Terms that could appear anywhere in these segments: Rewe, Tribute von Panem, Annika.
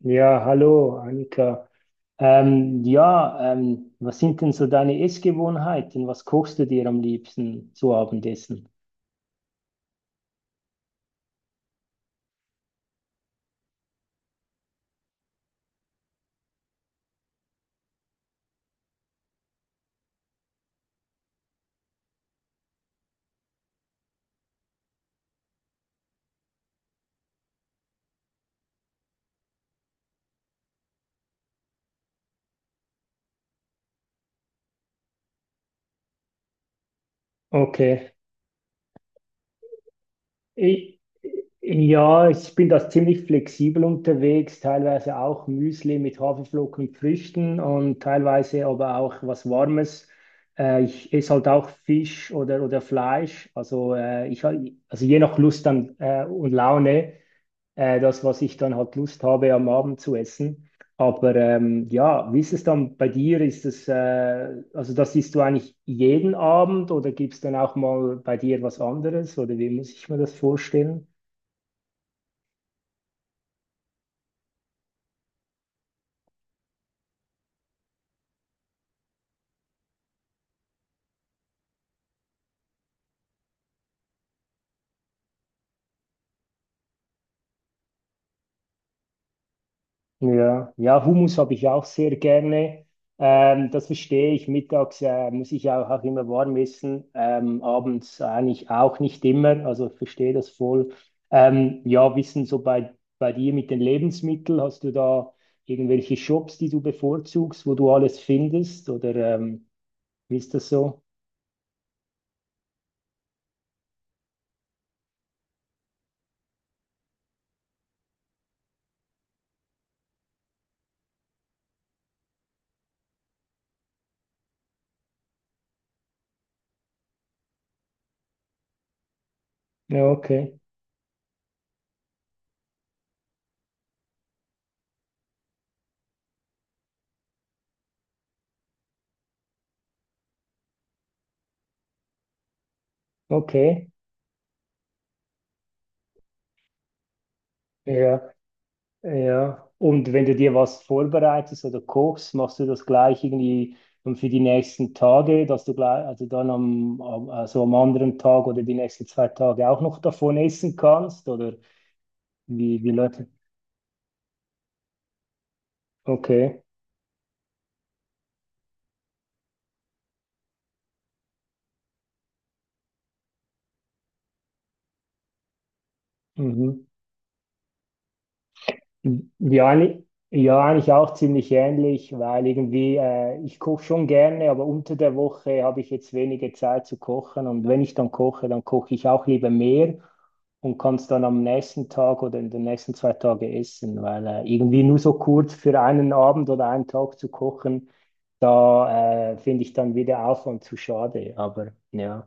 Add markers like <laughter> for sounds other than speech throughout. Ja, hallo Annika. Ja, was sind denn so deine Essgewohnheiten? Was kochst du dir am liebsten zu Abendessen? Okay. Ich, ja, ich bin da ziemlich flexibel unterwegs, teilweise auch Müsli mit Haferflocken und Früchten und teilweise aber auch was Warmes. Ich esse halt auch Fisch oder Fleisch. Also, also je nach Lust dann und Laune. Das, was ich dann halt Lust habe, am Abend zu essen. Aber ja, wie ist es dann bei dir? Also das isst du eigentlich jeden Abend oder gibt es dann auch mal bei dir was anderes? Oder wie muss ich mir das vorstellen? Ja, ja, Hummus habe ich ja auch sehr gerne. Das verstehe ich. Mittags muss ich auch immer warm essen. Abends eigentlich auch nicht immer. Also verstehe das voll. Ja, wissen so bei dir mit den Lebensmitteln, hast du da irgendwelche Shops, die du bevorzugst, wo du alles findest? Oder wie ist das so? Ja, okay. Okay. Ja. Ja, und wenn du dir was vorbereitest oder kochst, machst du das gleich irgendwie dann für die nächsten Tage, dass du gleich, also also am anderen Tag oder die nächsten zwei Tage auch noch davon essen kannst? Oder wie Leute? Okay. Mhm. Ja, eigentlich auch ziemlich ähnlich, weil ich koche schon gerne, aber unter der Woche habe ich jetzt wenige Zeit zu kochen. Und wenn ich dann koche ich auch lieber mehr und kann es dann am nächsten Tag oder in den nächsten zwei Tagen essen, weil irgendwie nur so kurz für einen Abend oder einen Tag zu kochen, da finde ich dann wieder Aufwand zu schade. Aber ja,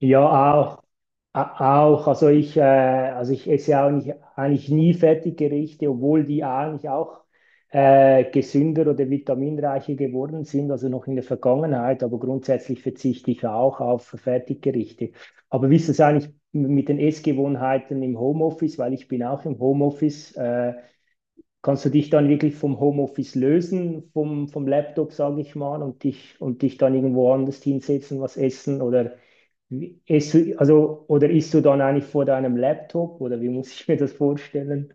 ja, auch. Auch, also ich esse ja auch nicht, eigentlich nie Fertiggerichte, obwohl die eigentlich auch gesünder oder vitaminreicher geworden sind, also noch in der Vergangenheit, aber grundsätzlich verzichte ich auch auf Fertiggerichte. Aber wie ist es eigentlich mit den Essgewohnheiten im Homeoffice? Weil ich bin auch im Homeoffice. Kannst du dich dann wirklich vom Homeoffice lösen, vom Laptop, sage ich mal, und und dich dann irgendwo anders hinsetzen, was essen oder isst du, also, oder isst du dann eigentlich vor deinem Laptop oder wie muss ich mir das vorstellen?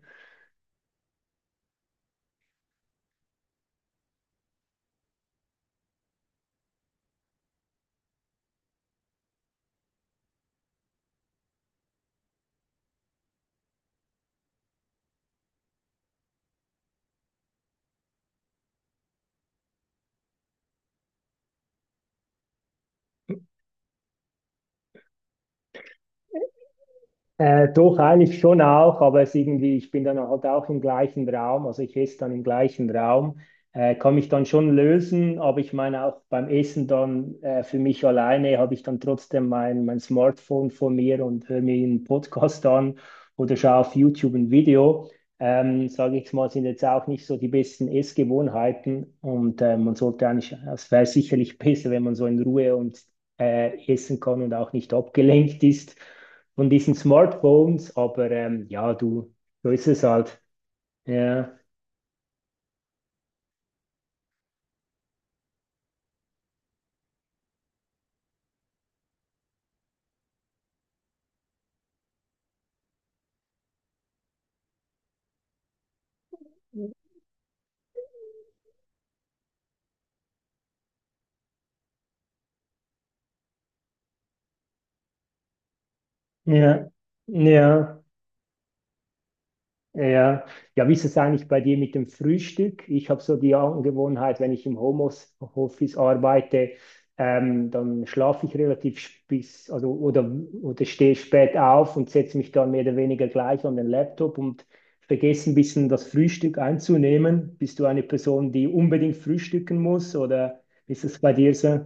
Doch, eigentlich schon auch, aber es irgendwie, ich bin dann halt auch im gleichen Raum, also ich esse dann im gleichen Raum, kann mich dann schon lösen, aber ich meine auch beim Essen dann für mich alleine habe ich dann trotzdem mein Smartphone vor mir und höre mir einen Podcast an oder schaue auf YouTube ein Video. Sage ich mal, sind jetzt auch nicht so die besten Essgewohnheiten und man sollte eigentlich, es wäre sicherlich <laughs> besser, wenn man so in Ruhe und essen kann und auch nicht abgelenkt ist von diesen Smartphones, aber so ist es halt. Ja, ja, ja, ja. Ja, wie ist es eigentlich bei dir mit dem Frühstück? Ich habe so die Angewohnheit, wenn ich im Homeoffice arbeite, dann schlafe ich relativ sp- bis, also oder stehe spät auf und setze mich dann mehr oder weniger gleich an den Laptop und vergesse ein bisschen das Frühstück einzunehmen. Bist du eine Person, die unbedingt frühstücken muss oder ist es bei dir so?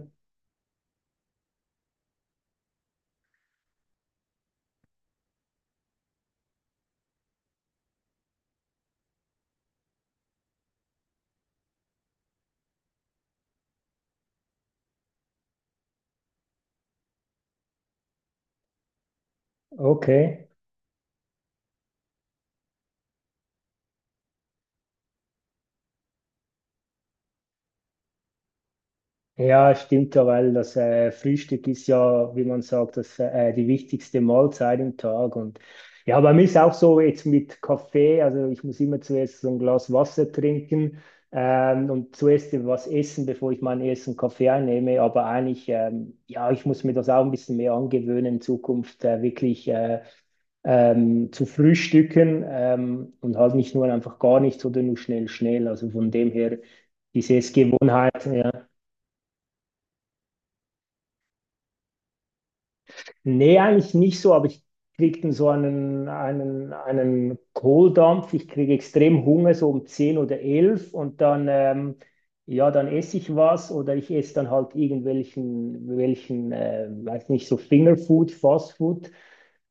Okay. Ja, stimmt ja, weil das Frühstück ist ja, wie man sagt, die wichtigste Mahlzeit im Tag. Und ja, bei mir ist auch so jetzt mit Kaffee, also ich muss immer zuerst so ein Glas Wasser trinken und zuerst was essen, bevor ich meinen ersten Kaffee einnehme. Aber eigentlich, ja, ich muss mir das auch ein bisschen mehr angewöhnen, in Zukunft wirklich zu frühstücken und halt nicht nur einfach gar nichts oder nur schnell, schnell. Also von dem her, diese Gewohnheit, ja. Nee, eigentlich nicht so, aber ich kriege dann so einen Kohldampf. Ich kriege extrem Hunger, so um 10 oder 11 und dann, ja, dann esse ich was oder ich esse dann halt weiß nicht, so Fingerfood, Fastfood.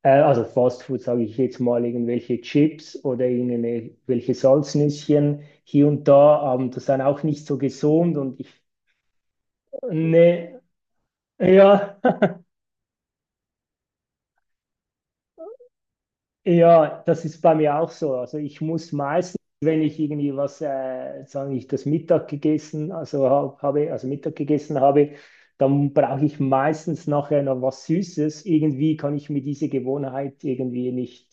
Also Fastfood sage ich jetzt mal, irgendwelche Chips oder irgendwelche Salznüsschen hier und da. Das ist dann auch nicht so gesund nee, ja. Ja, das ist bei mir auch so. Also ich muss meistens, wenn ich irgendwie sagen ich, das Mittag gegessen, also hab, habe, also Mittag gegessen habe, dann brauche ich meistens nachher noch was Süßes. Irgendwie kann ich mir diese Gewohnheit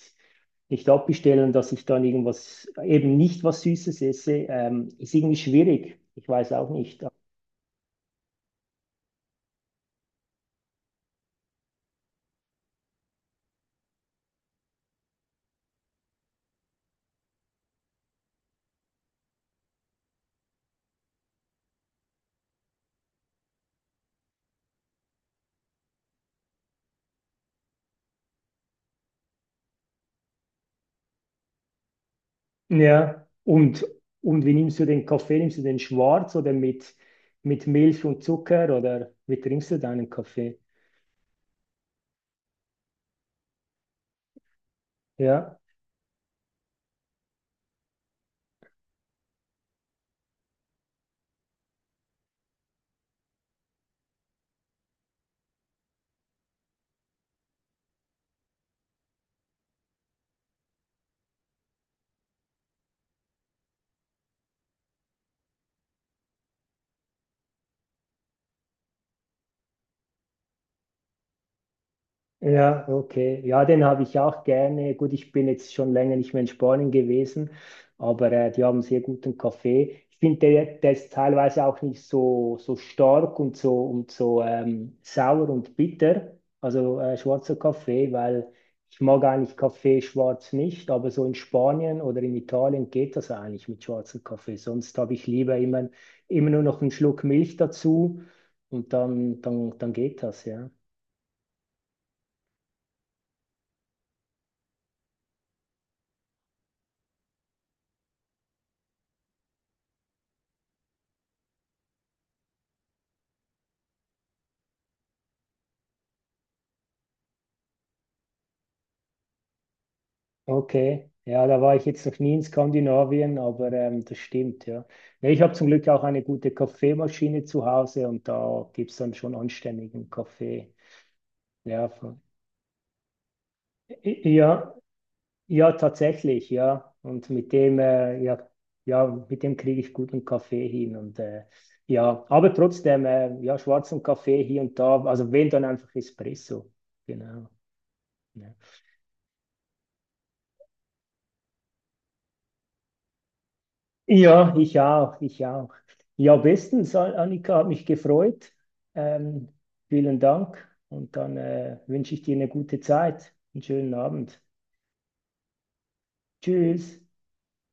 nicht abbestellen, dass ich dann irgendwas, eben nicht was Süßes esse. Ist irgendwie schwierig. Ich weiß auch nicht. Ja, und wie nimmst du den Kaffee? Nimmst du den schwarz oder mit Milch und Zucker oder wie trinkst du deinen Kaffee? Ja, ja, okay. Ja, den habe ich auch gerne. Gut, ich bin jetzt schon länger nicht mehr in Spanien gewesen, aber die haben sehr guten Kaffee. Ich finde, der ist teilweise auch nicht so stark und so sauer und bitter, also schwarzer Kaffee, weil ich mag eigentlich Kaffee schwarz nicht, aber so in Spanien oder in Italien geht das eigentlich mit schwarzem Kaffee. Sonst habe ich lieber immer nur noch einen Schluck Milch dazu und dann geht das, ja. Okay, ja, da war ich jetzt noch nie in Skandinavien, aber das stimmt, ja. Nee, ich habe zum Glück auch eine gute Kaffeemaschine zu Hause und da gibt es dann schon anständigen Kaffee. Ja, von, ja, ja, tatsächlich, ja. Und mit dem, ja, ja, mit dem kriege ich guten Kaffee hin. Und ja, aber trotzdem, ja, schwarzen Kaffee hier und da, also wenn dann einfach Espresso. Genau. Ja. Ja, ich auch, ich auch. Ja, bestens, Annika, hat mich gefreut. Ähm, Vielen Dank und dann wünsche ich dir eine gute Zeit, einen schönen Abend. Tschüss.